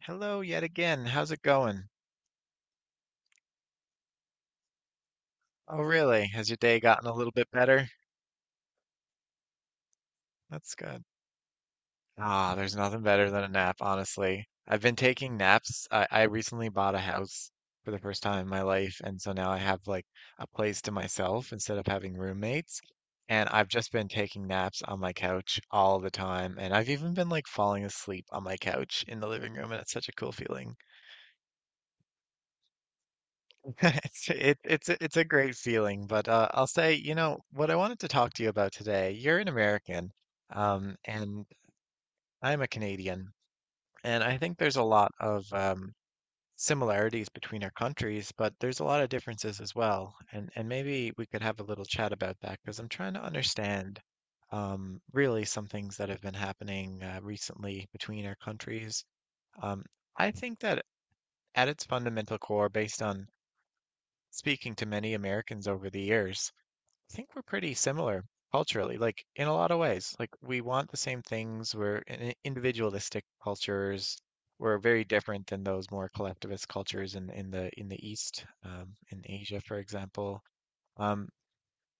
Hello yet again. How's it going? Oh, really? Has your day gotten a little bit better? That's good. Ah, there's nothing better than a nap, honestly. I've been taking naps. I recently bought a house for the first time in my life, and so now I have like a place to myself instead of having roommates. And I've just been taking naps on my couch all the time, and I've even been like falling asleep on my couch in the living room, and it's such a cool feeling. It's a great feeling, but I'll say, what I wanted to talk to you about today. You're an American, and I'm a Canadian, and I think there's a lot of similarities between our countries, but there's a lot of differences as well. And maybe we could have a little chat about that because I'm trying to understand really some things that have been happening recently between our countries. Um, I think that at its fundamental core, based on speaking to many Americans over the years. I think we're pretty similar culturally, like in a lot of ways. Like we want the same things. We're in- individualistic cultures. We're very different than those more collectivist cultures in the East, in Asia, for example. Um,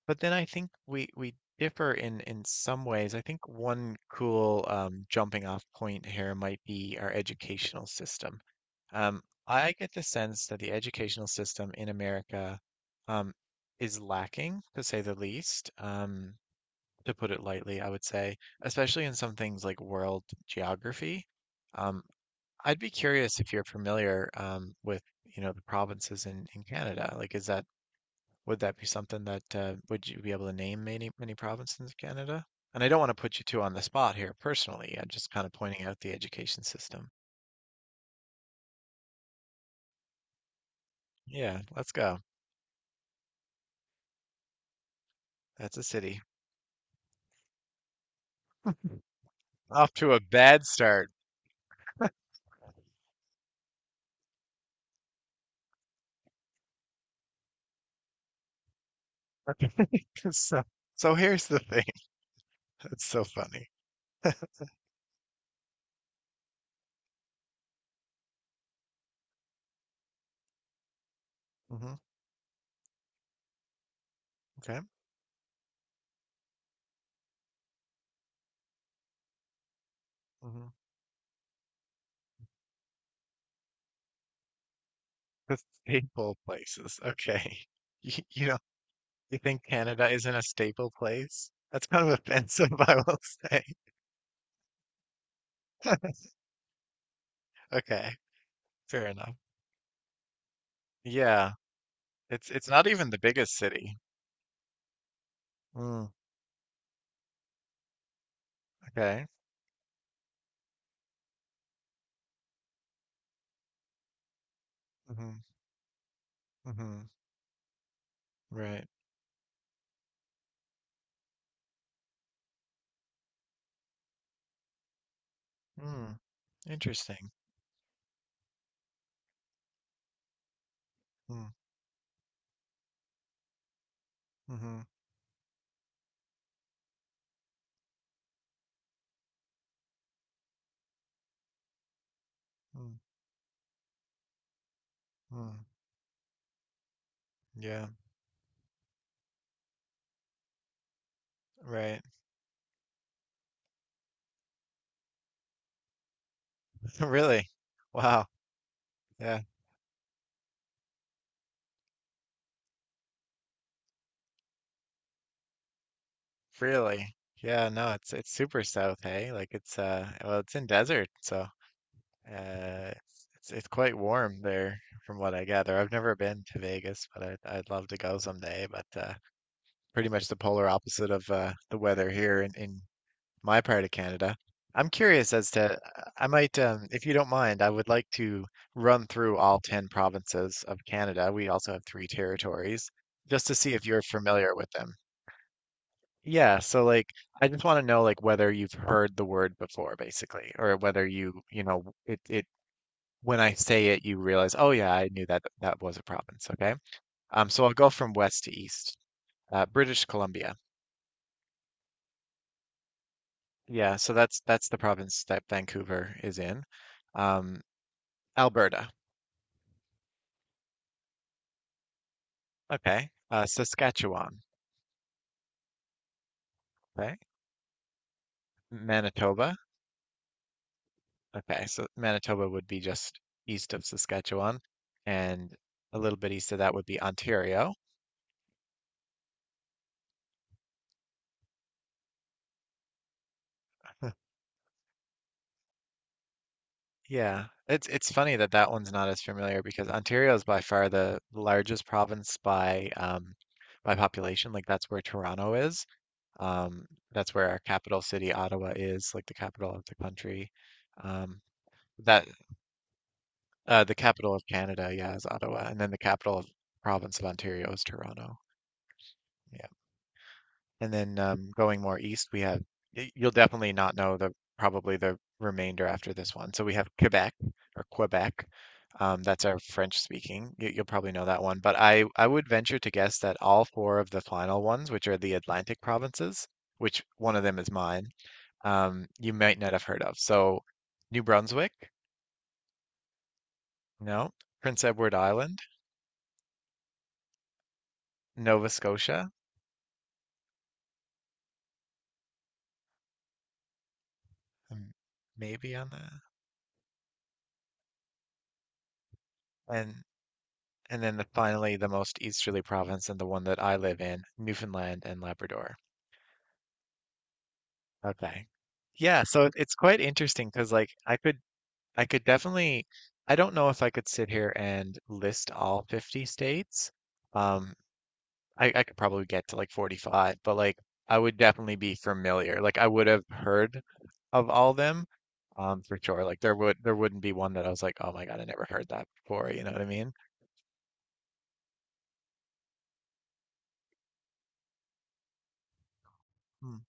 but then I think we differ in some ways. I think one cool jumping off point here might be our educational system. I get the sense that the educational system in America um, is lacking, to say the least, to put it lightly, I would say, especially in some things like world geography. Um, I'd be curious if you're familiar with, the provinces in Canada. Like, is that would that be something that would you be able to name many provinces in Canada? And I don't want to put you two on the spot here personally. I'm just kind of pointing out the education system. Yeah, let's go. That's a city. Off to a bad start. So, so here's the thing. That's so funny. Hmm. Okay. Hmm. The staple places. Okay. You know, you think Canada isn't a staple place? That's kind of offensive, I will say. Okay. Fair enough. Yeah. It's not even the biggest city. Mm, okay. Hmm. Hmm. Right. Mm, interesting. Mm. Hmm. Mm. Mm. Yeah. Right. Really? Wow. Yeah. Really? Yeah, no, it's super south, hey? Like it's well it's in desert, so uh it's quite warm there from what I gather. I've never been to Vegas, but I'd love to go someday, but pretty much the polar opposite of the weather here in my part of Canada. I'm curious as to I might if you don't mind, I would like to run through all 10 provinces of Canada. We also have three territories, just to see if you're familiar with them. Yeah, so like I just want to know like whether you've heard the word before basically or whether you, it it when I say it you realize, "Oh yeah, I knew that that was a province." Okay? So I'll go from west to east. British Columbia. Yeah, so that's the province that Vancouver is in. Um Alberta. Okay. Saskatchewan. Okay. Manitoba. Okay. So Manitoba would be just east of Saskatchewan and a little bit east of that would be Ontario. Yeah, it's funny that that one's not as familiar because Ontario is by far the largest province by population. Like that's where Toronto is. Um, that's where our capital city, Ottawa, is, like the capital of the country. Um, that the capital of Canada, yeah, is Ottawa, and then the capital of province of Ontario is Toronto. Yeah. And then going more east, we have, y- you'll definitely not know the probably the remainder after this one. So we have Quebec or Quebec. That's our French speaking. You'll probably know that one. But I would venture to guess that all four of the final ones, which are the Atlantic provinces, which one of them is mine, you might not have heard of. So New Brunswick, no. Prince Edward Island, Nova Scotia, m- maybe on and And then the, finally, the most easterly province and the one that I live in, Newfoundland and Labrador. Okay. Yeah, so it- it's quite interesting because like I could definitely I don't know if I could sit here and list all 50 states. Um I could probably get to like 45, but like I would definitely be familiar. Like I would have heard of all them, for sure. Like there would there wouldn't be one that I was like, oh my God, I never heard that before. You know what I mean? Hmm.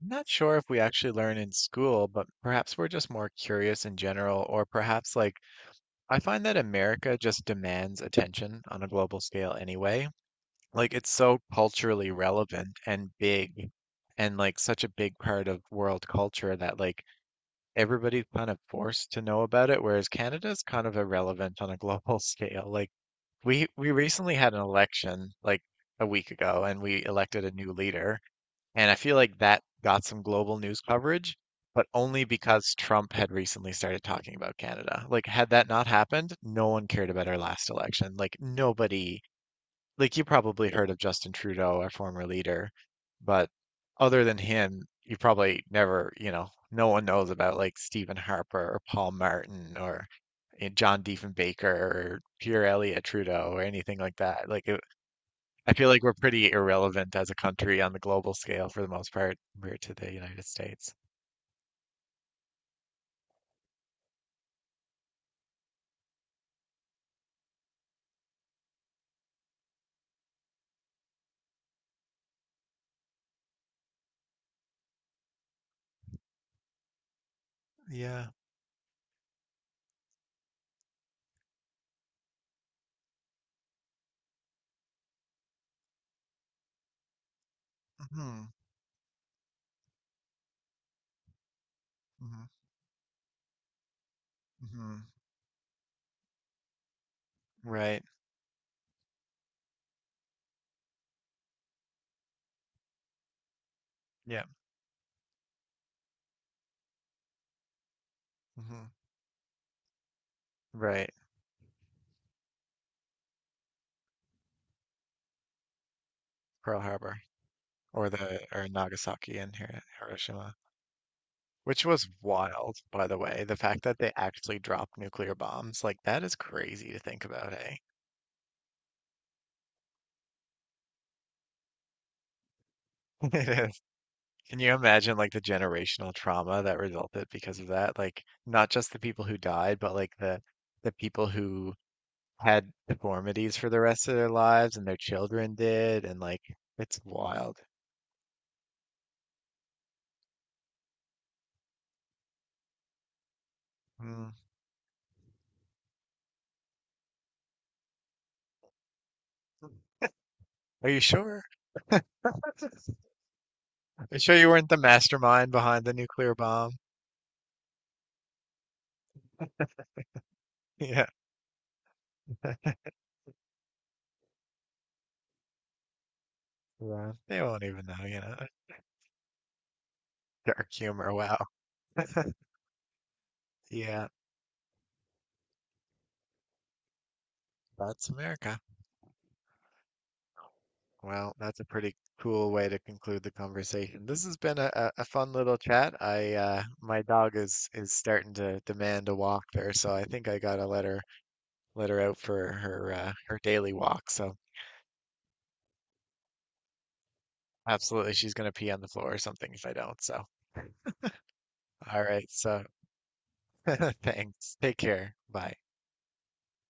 I'm not sure if we actually learn in school, but perhaps we're just more curious in general, or perhaps like I find that America just demands attention on a global scale anyway. Like it's so culturally relevant and big and like such a big part of world culture that like everybody's kind of forced to know about it, whereas Canada's kind of irrelevant on a global scale. Like we recently had an election like a week ago and we elected a new leader, and I feel like that got some global news coverage, but only because Trump had recently started talking about Canada. Like had that not happened, no one cared about our last election. Like nobody like you probably heard of Justin Trudeau, our former leader, but other than him, you probably never, you know, no one knows about like Stephen Harper or Paul Martin or John Diefenbaker or Pierre Elliott Trudeau or anything like that. Like it, I feel like we're pretty irrelevant as a country on the global scale for the most part compared to the United States. Yeah. Hmm. Hmm. Hmm. Right. Yeah. Hmm. Right. Pearl Harbor or the or Nagasaki and Hir- Hiroshima. Which was wild, by the way. The fact that they actually dropped nuclear bombs, like that is crazy to think about, hey? It is. Can you imagine like the generational trauma that resulted because of that? Like not just the people who died, but like the people who had deformities for the rest of their lives and their children did, and like it's wild. Mm. Are you sure? Are you sure you weren't the mastermind behind the nuclear bomb? Yeah. Yeah. They won't even know, you know. Dark humor, wow. Yeah. That's America. Well, that's a pretty cool way to conclude the conversation. This has been a fun little chat. I my dog is starting to demand a walk there, so I think I gotta let her out for her her daily walk. So absolutely, she's gonna pee on the floor or something if I don't. So all right, so thanks. Take care. Bye.